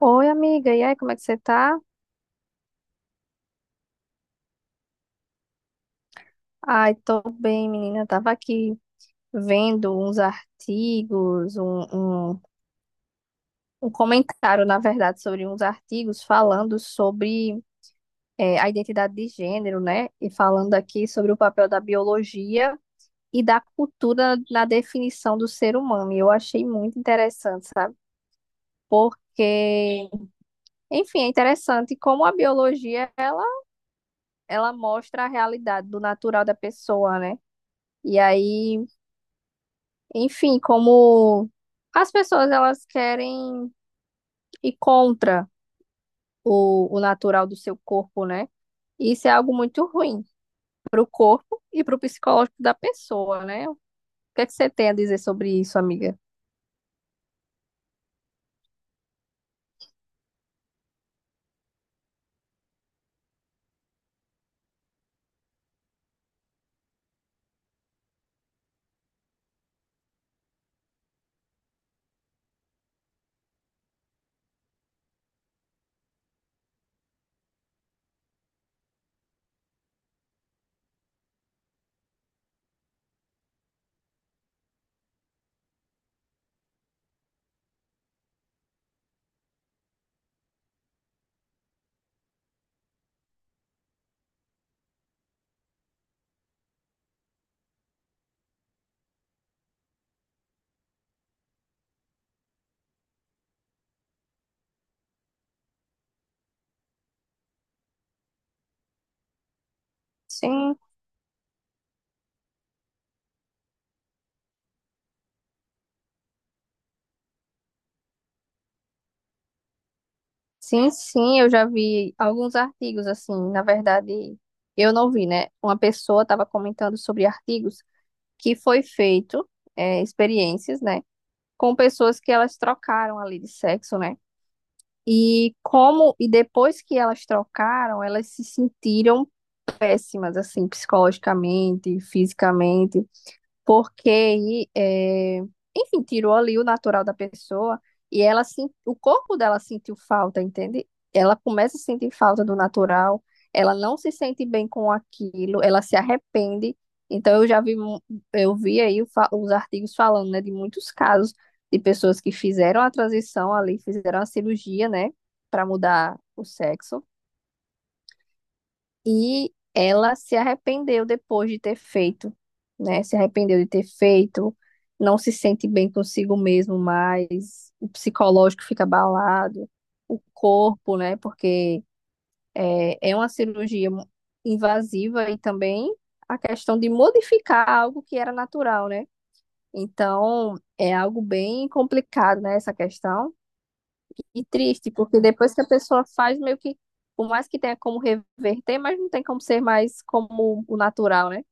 Oi, amiga. E aí, como é que você tá? Ai, tô bem, menina. Tava aqui vendo uns artigos, um, um comentário, na verdade, sobre uns artigos falando sobre a identidade de gênero, né? E falando aqui sobre o papel da biologia e da cultura na definição do ser humano. E eu achei muito interessante, sabe? Porque, enfim, é interessante como a biologia, ela mostra a realidade do natural da pessoa, né? E aí, enfim, como as pessoas elas querem ir contra o natural do seu corpo, né? Isso é algo muito ruim para o corpo e para o psicológico da pessoa, né? O que é que você tem a dizer sobre isso, amiga? Sim, sim, sim, eu já vi alguns artigos assim, na verdade, eu não vi, né? Uma pessoa estava comentando sobre artigos que foi feito, é, experiências, né? Com pessoas que elas trocaram ali de sexo, né? E como, e depois que elas trocaram, elas se sentiram péssimas, assim, psicologicamente, fisicamente porque, é, enfim, tirou ali o natural da pessoa e o corpo dela sentiu falta, entende? Ela começa a sentir falta do natural, ela não se sente bem com aquilo, ela se arrepende. Então eu vi aí os artigos falando, né, de muitos casos de pessoas que fizeram a transição ali, fizeram a cirurgia, né, para mudar o sexo e ela se arrependeu depois de ter feito, né? Se arrependeu de ter feito, não se sente bem consigo mesmo mais, o psicológico fica abalado, o corpo, né? Porque é uma cirurgia invasiva e também a questão de modificar algo que era natural, né? Então, é algo bem complicado, né? Essa questão. E triste, porque depois que a pessoa faz, meio que, por mais que tenha como reverter, mas não tem como ser mais como o natural, né?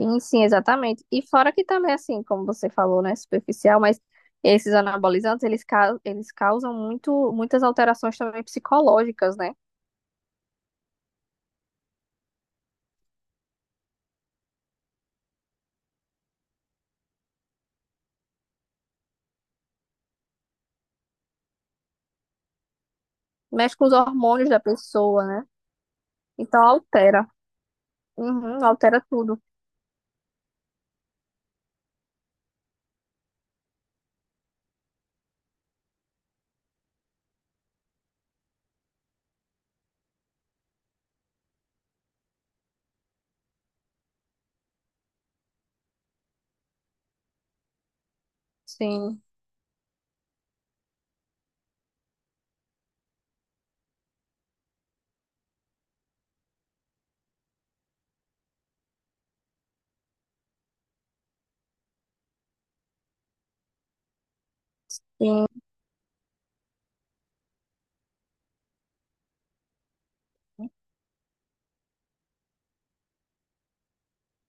Sim, sim, exatamente. E fora que também, assim, como você falou, né, superficial, mas esses anabolizantes, eles causam muito, muitas alterações também psicológicas, né? Mexe com os hormônios da pessoa, né? Então altera. Uhum, altera tudo. Sim, sim,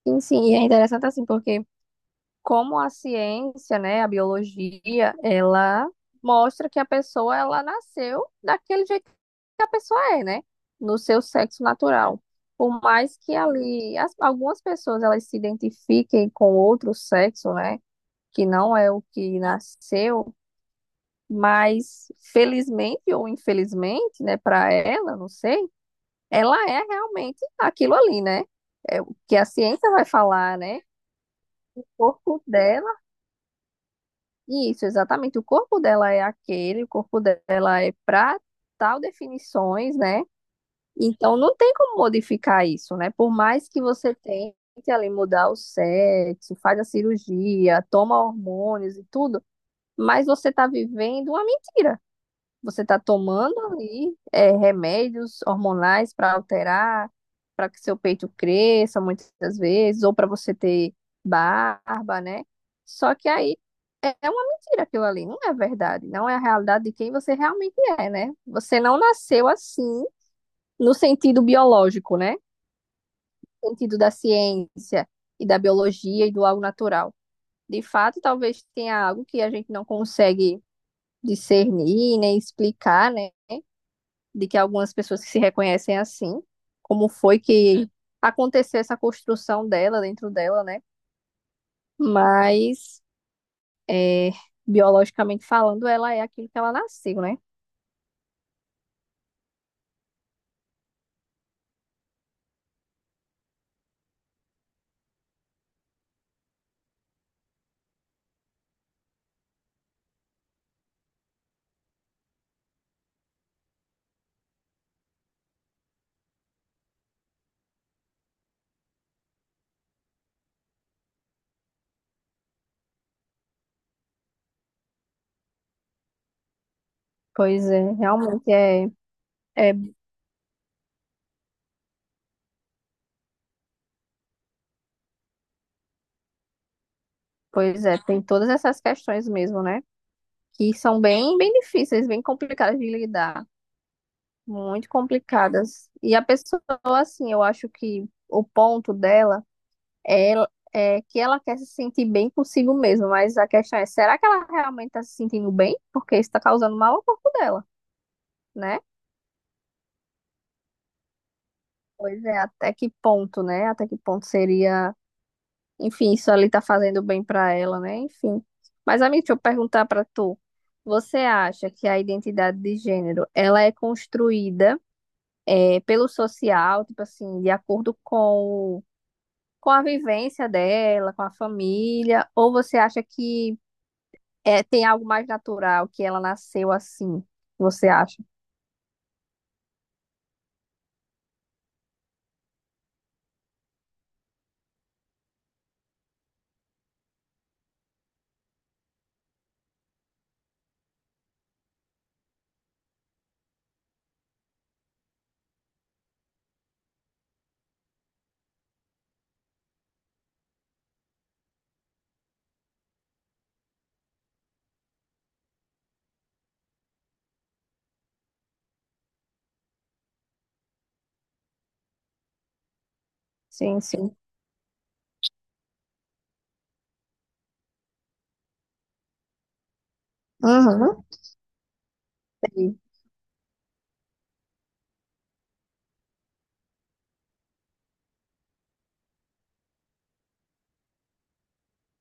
sim, sim. E é interessante assim, porque como a ciência, né, a biologia, ela mostra que a pessoa ela nasceu daquele jeito que a pessoa é, né, no seu sexo natural. Por mais que ali algumas pessoas elas se identifiquem com outro sexo, né, que não é o que nasceu, mas felizmente ou infelizmente, né, para ela, não sei, ela é realmente aquilo ali, né? É o que a ciência vai falar, né? O corpo dela. Isso, exatamente. O corpo dela é aquele, o corpo dela é para tal definições, né? Então não tem como modificar isso, né? Por mais que você tente ali mudar o sexo, faz a cirurgia, toma hormônios e tudo, mas você está vivendo uma mentira. Você está tomando aí é, remédios hormonais para alterar, para que seu peito cresça muitas vezes, ou para você ter barba, né? Só que aí é uma mentira aquilo ali, não é verdade, não é a realidade de quem você realmente é, né? Você não nasceu assim no sentido biológico, né? No sentido da ciência e da biologia e do algo natural. De fato, talvez tenha algo que a gente não consegue discernir, nem explicar, né? De que algumas pessoas que se reconhecem assim, como foi que aconteceu essa construção dela dentro dela, né? Mas, é, biologicamente falando, ela é aquilo que ela nasceu, né? Pois é, realmente é, é, pois é, tem todas essas questões mesmo, né? Que são bem, bem difíceis, bem complicadas de lidar, muito complicadas. E a pessoa, assim, eu acho que o ponto dela ela, é, que ela quer se sentir bem consigo mesma, mas a questão é, será que ela realmente está se sentindo bem? Porque isso está causando mal ao corpo dela, né? Pois é, até que ponto, né? Até que ponto seria, enfim, isso ali tá fazendo bem para ela, né? Enfim. Mas, amigo, deixa eu perguntar para tu. Você acha que a identidade de gênero, ela é construída é, pelo social, tipo assim, de acordo com a vivência dela, com a família, ou você acha que é, tem algo mais natural que ela nasceu assim, você acha? Sim, sim. Uhum. Entendi.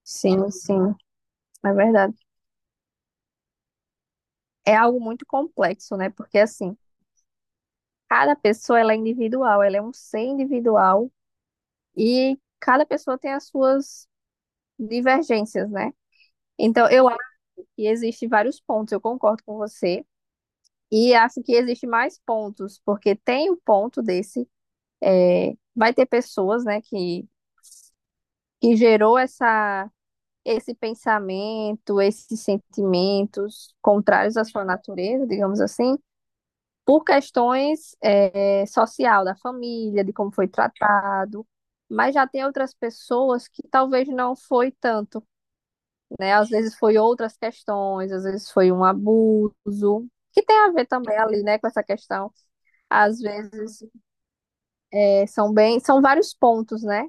Sim, sim, é verdade. É algo muito complexo, né? Porque assim, cada pessoa ela é individual, ela é um ser individual e cada pessoa tem as suas divergências, né? Então, eu acho que existe vários pontos, eu concordo com você, e acho que existe mais pontos, porque tem o ponto desse, é, vai ter pessoas, né, que gerou essa esse pensamento, esses sentimentos contrários à sua natureza, digamos assim, por questões é, social da família, de como foi tratado, mas já tem outras pessoas que talvez não foi tanto, né? Às vezes foi outras questões, às vezes foi um abuso, que tem a ver também ali, né, com essa questão. Às vezes é, são bem, são vários pontos, né?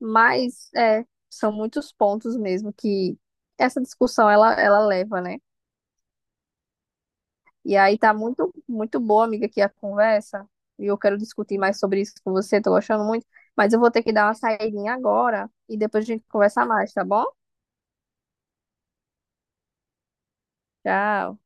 Mas é, são muitos pontos mesmo que essa discussão ela leva, né? E aí tá muito, muito boa, amiga, aqui a conversa. E eu quero discutir mais sobre isso com você, tô gostando muito. Mas eu vou ter que dar uma saidinha agora e depois a gente conversa mais, tá bom? Tchau.